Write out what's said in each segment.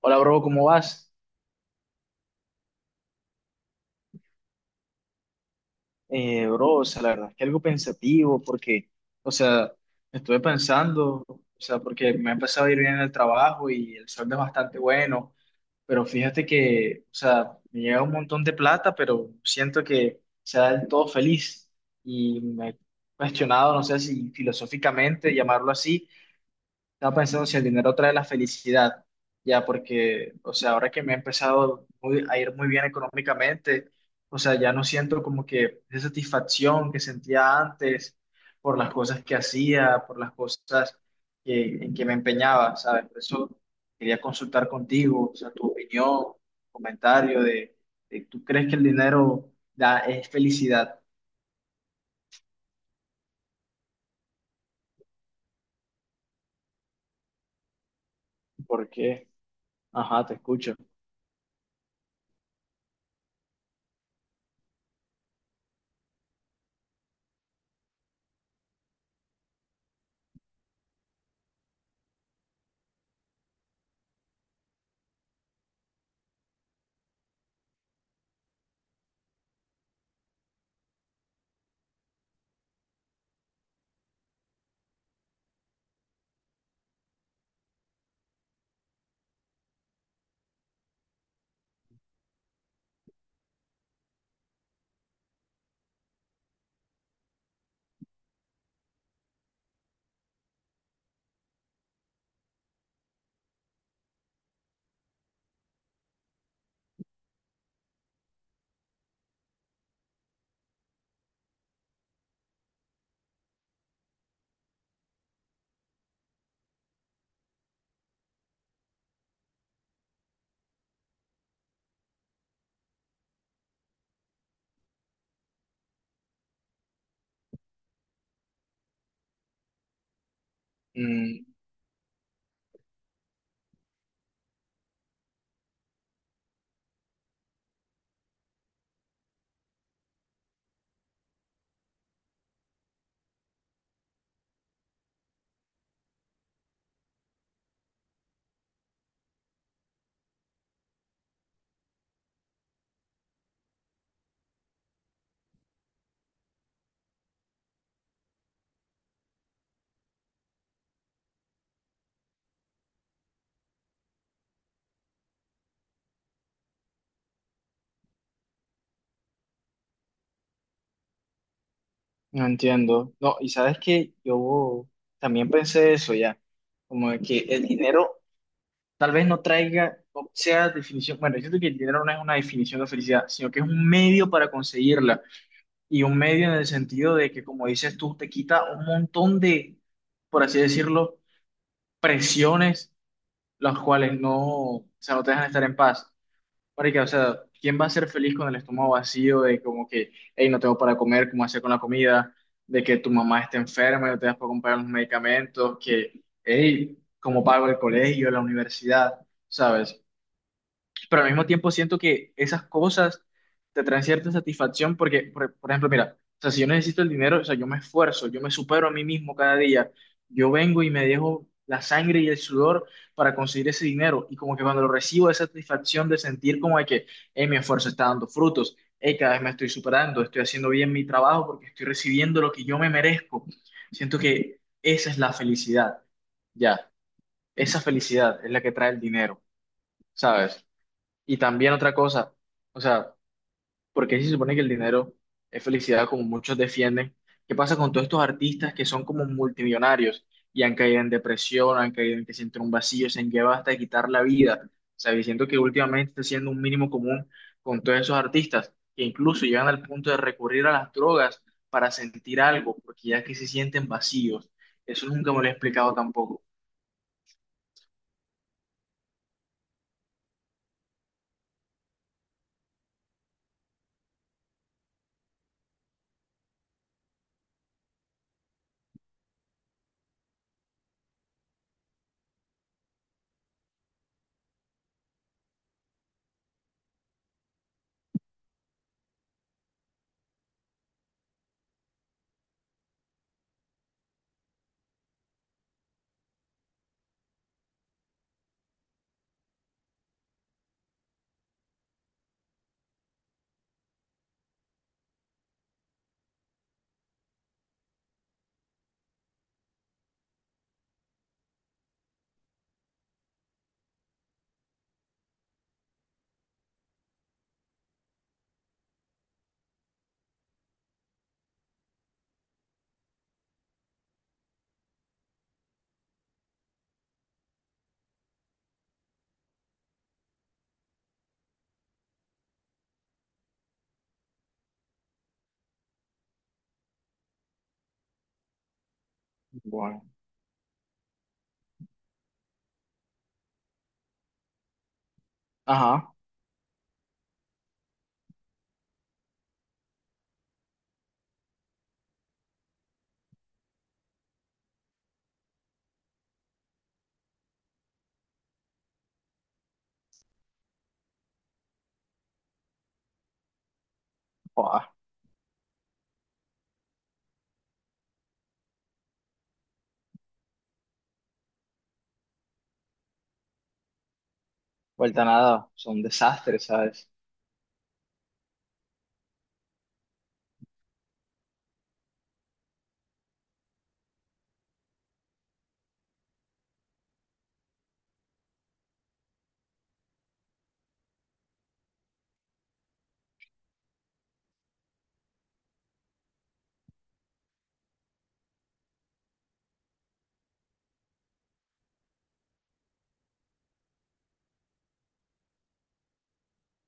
Hola, bro, ¿cómo vas? Bro, o sea, la verdad es que algo pensativo porque, o sea, estuve pensando, o sea, porque me ha empezado a ir bien en el trabajo y el sueldo es bastante bueno, pero fíjate que, o sea, me llega un montón de plata, pero siento que sea del todo feliz y me he cuestionado, no sé si filosóficamente llamarlo así, estaba pensando si el dinero trae la felicidad, ya, porque, o sea, ahora que me ha empezado a ir muy bien económicamente, o sea, ya no siento como que esa satisfacción que sentía antes por las cosas que hacía, por las cosas en que me empeñaba, ¿sabes? Por eso quería consultar contigo, o sea, tu opinión, comentario de ¿tú crees que el dinero da, es felicidad? ¿Por qué? Ajá, te escucho. No entiendo. No, y sabes que yo también pensé eso ya, como de que el dinero tal vez no traiga, o sea, definición, bueno, yo siento que el dinero no es una definición de felicidad, sino que es un medio para conseguirla, y un medio en el sentido de que, como dices tú, te quita un montón de, por así decirlo, presiones, las cuales no, o sea, no te dejan estar en paz. Marica, o sea, ¿quién va a ser feliz con el estómago vacío de como que, hey, no tengo para comer, cómo hacer con la comida, de que tu mamá esté enferma y no te das para comprar los medicamentos, que, hey, cómo pago el colegio, la universidad, ¿sabes? Pero al mismo tiempo siento que esas cosas te traen cierta satisfacción porque, por ejemplo, mira, o sea, si yo necesito el dinero, o sea, yo me esfuerzo, yo me supero a mí mismo cada día, yo vengo y me dejo la sangre y el sudor para conseguir ese dinero y como que cuando lo recibo esa satisfacción de sentir como de que, hey, mi esfuerzo está dando frutos, hey, cada vez me estoy superando, estoy haciendo bien mi trabajo porque estoy recibiendo lo que yo me merezco. Siento que esa es la felicidad, ya, esa felicidad es la que trae el dinero, ¿sabes? Y también otra cosa, o sea, ¿porque si se supone que el dinero es felicidad como muchos defienden? ¿Qué pasa con todos estos artistas que son como multimillonarios y han caído en depresión, han caído en que sienten un vacío, se han llevado hasta de quitar la vida? O sea, diciendo que últimamente está siendo un mínimo común con todos esos artistas que incluso llegan al punto de recurrir a las drogas para sentir algo, porque ya que se sienten vacíos. Eso nunca me lo he explicado tampoco. Bueno. Ajá. Joda, vuelta a nada, son desastres, ¿sabes?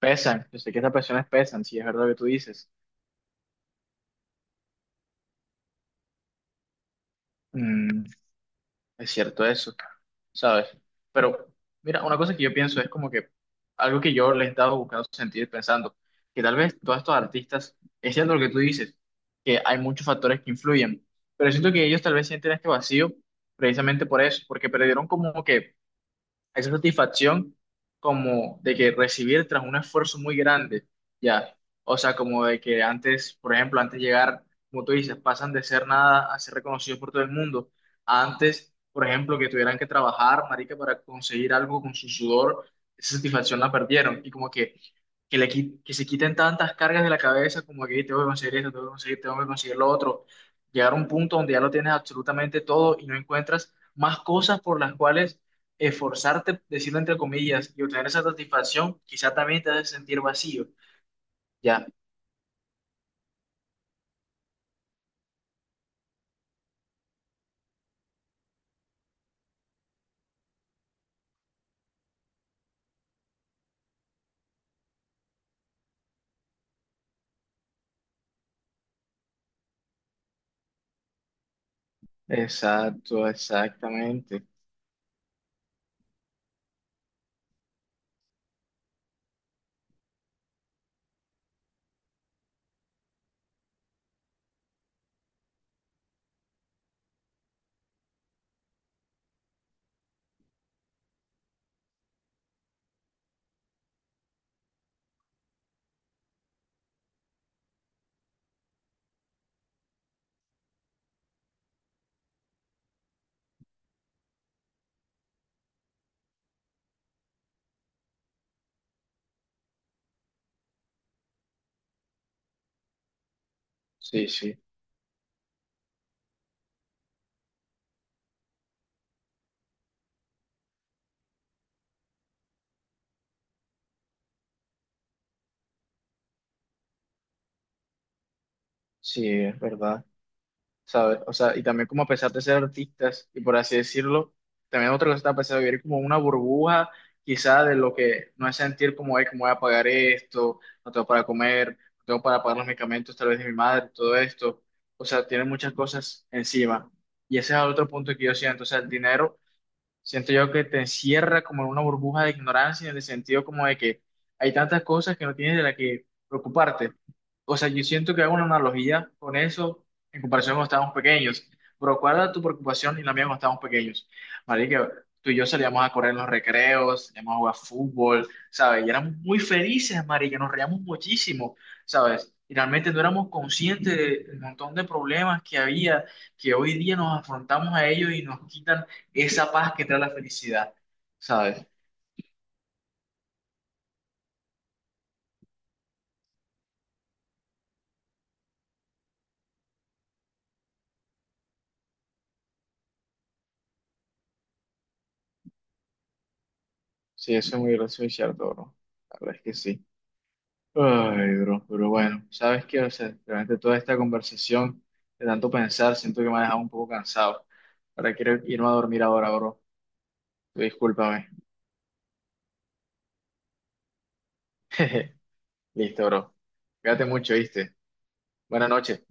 Pesan, yo sé que estas personas pesan, si es verdad lo que tú dices. Mm, es cierto eso, ¿sabes? Pero mira, una cosa que yo pienso es como que algo que yo le he estado buscando sentir pensando, que tal vez todos estos artistas, es cierto lo que tú dices, que hay muchos factores que influyen, pero siento que ellos tal vez sienten este vacío precisamente por eso, porque perdieron como que esa satisfacción como de que recibir tras un esfuerzo muy grande, ya. O sea, como de que antes, por ejemplo, antes de llegar, como tú dices, pasan de ser nada a ser reconocidos por todo el mundo. Antes, por ejemplo, que tuvieran que trabajar, marica, para conseguir algo con su sudor, esa satisfacción la perdieron. Y como que, que se quiten tantas cargas de la cabeza, como que "Ey, tengo que conseguir esto, tengo que conseguir lo otro. Llegar a un punto donde ya lo tienes absolutamente todo y no encuentras más cosas por las cuales esforzarte, decirlo entre comillas, y obtener esa satisfacción, quizá también te hace sentir vacío. Ya, exacto, exactamente. Sí, sí, sí, es verdad. ¿Sabes? O sea, y también como a pesar de ser artistas, y por así decirlo, también otra cosa está a pesar de vivir como una burbuja, quizá de lo que no es sentir como, ay, cómo voy a pagar esto, no tengo para comer, no tengo para pagar los medicamentos tal vez de mi madre, todo esto. O sea, tiene muchas cosas encima. Y ese es el otro punto que yo siento. O sea, el dinero siento yo que te encierra como en una burbuja de ignorancia, en el sentido como de que hay tantas cosas que no tienes de las que preocuparte. O sea, yo siento que hago una analogía con eso en comparación cuando estábamos pequeños. Pero ¿cuál era tu preocupación y la mía cuando estábamos pequeños? Marica, tú y yo salíamos a correr en los recreos, salíamos a jugar fútbol, ¿sabes? Y éramos muy felices, marica, nos reíamos muchísimo, ¿sabes? Y realmente no éramos conscientes del montón de problemas que había, que hoy día nos afrontamos a ellos y nos quitan esa paz que trae la felicidad, ¿sabes? Sí, eso es muy gracioso y cierto, bro. La verdad es que sí. Ay, bro, pero bueno, ¿sabes qué? O sea, realmente toda esta conversación de tanto pensar, siento que me ha dejado un poco cansado. Ahora quiero irme a dormir ahora, bro. Discúlpame. Listo, bro. Cuídate mucho, ¿viste? Buenas noches.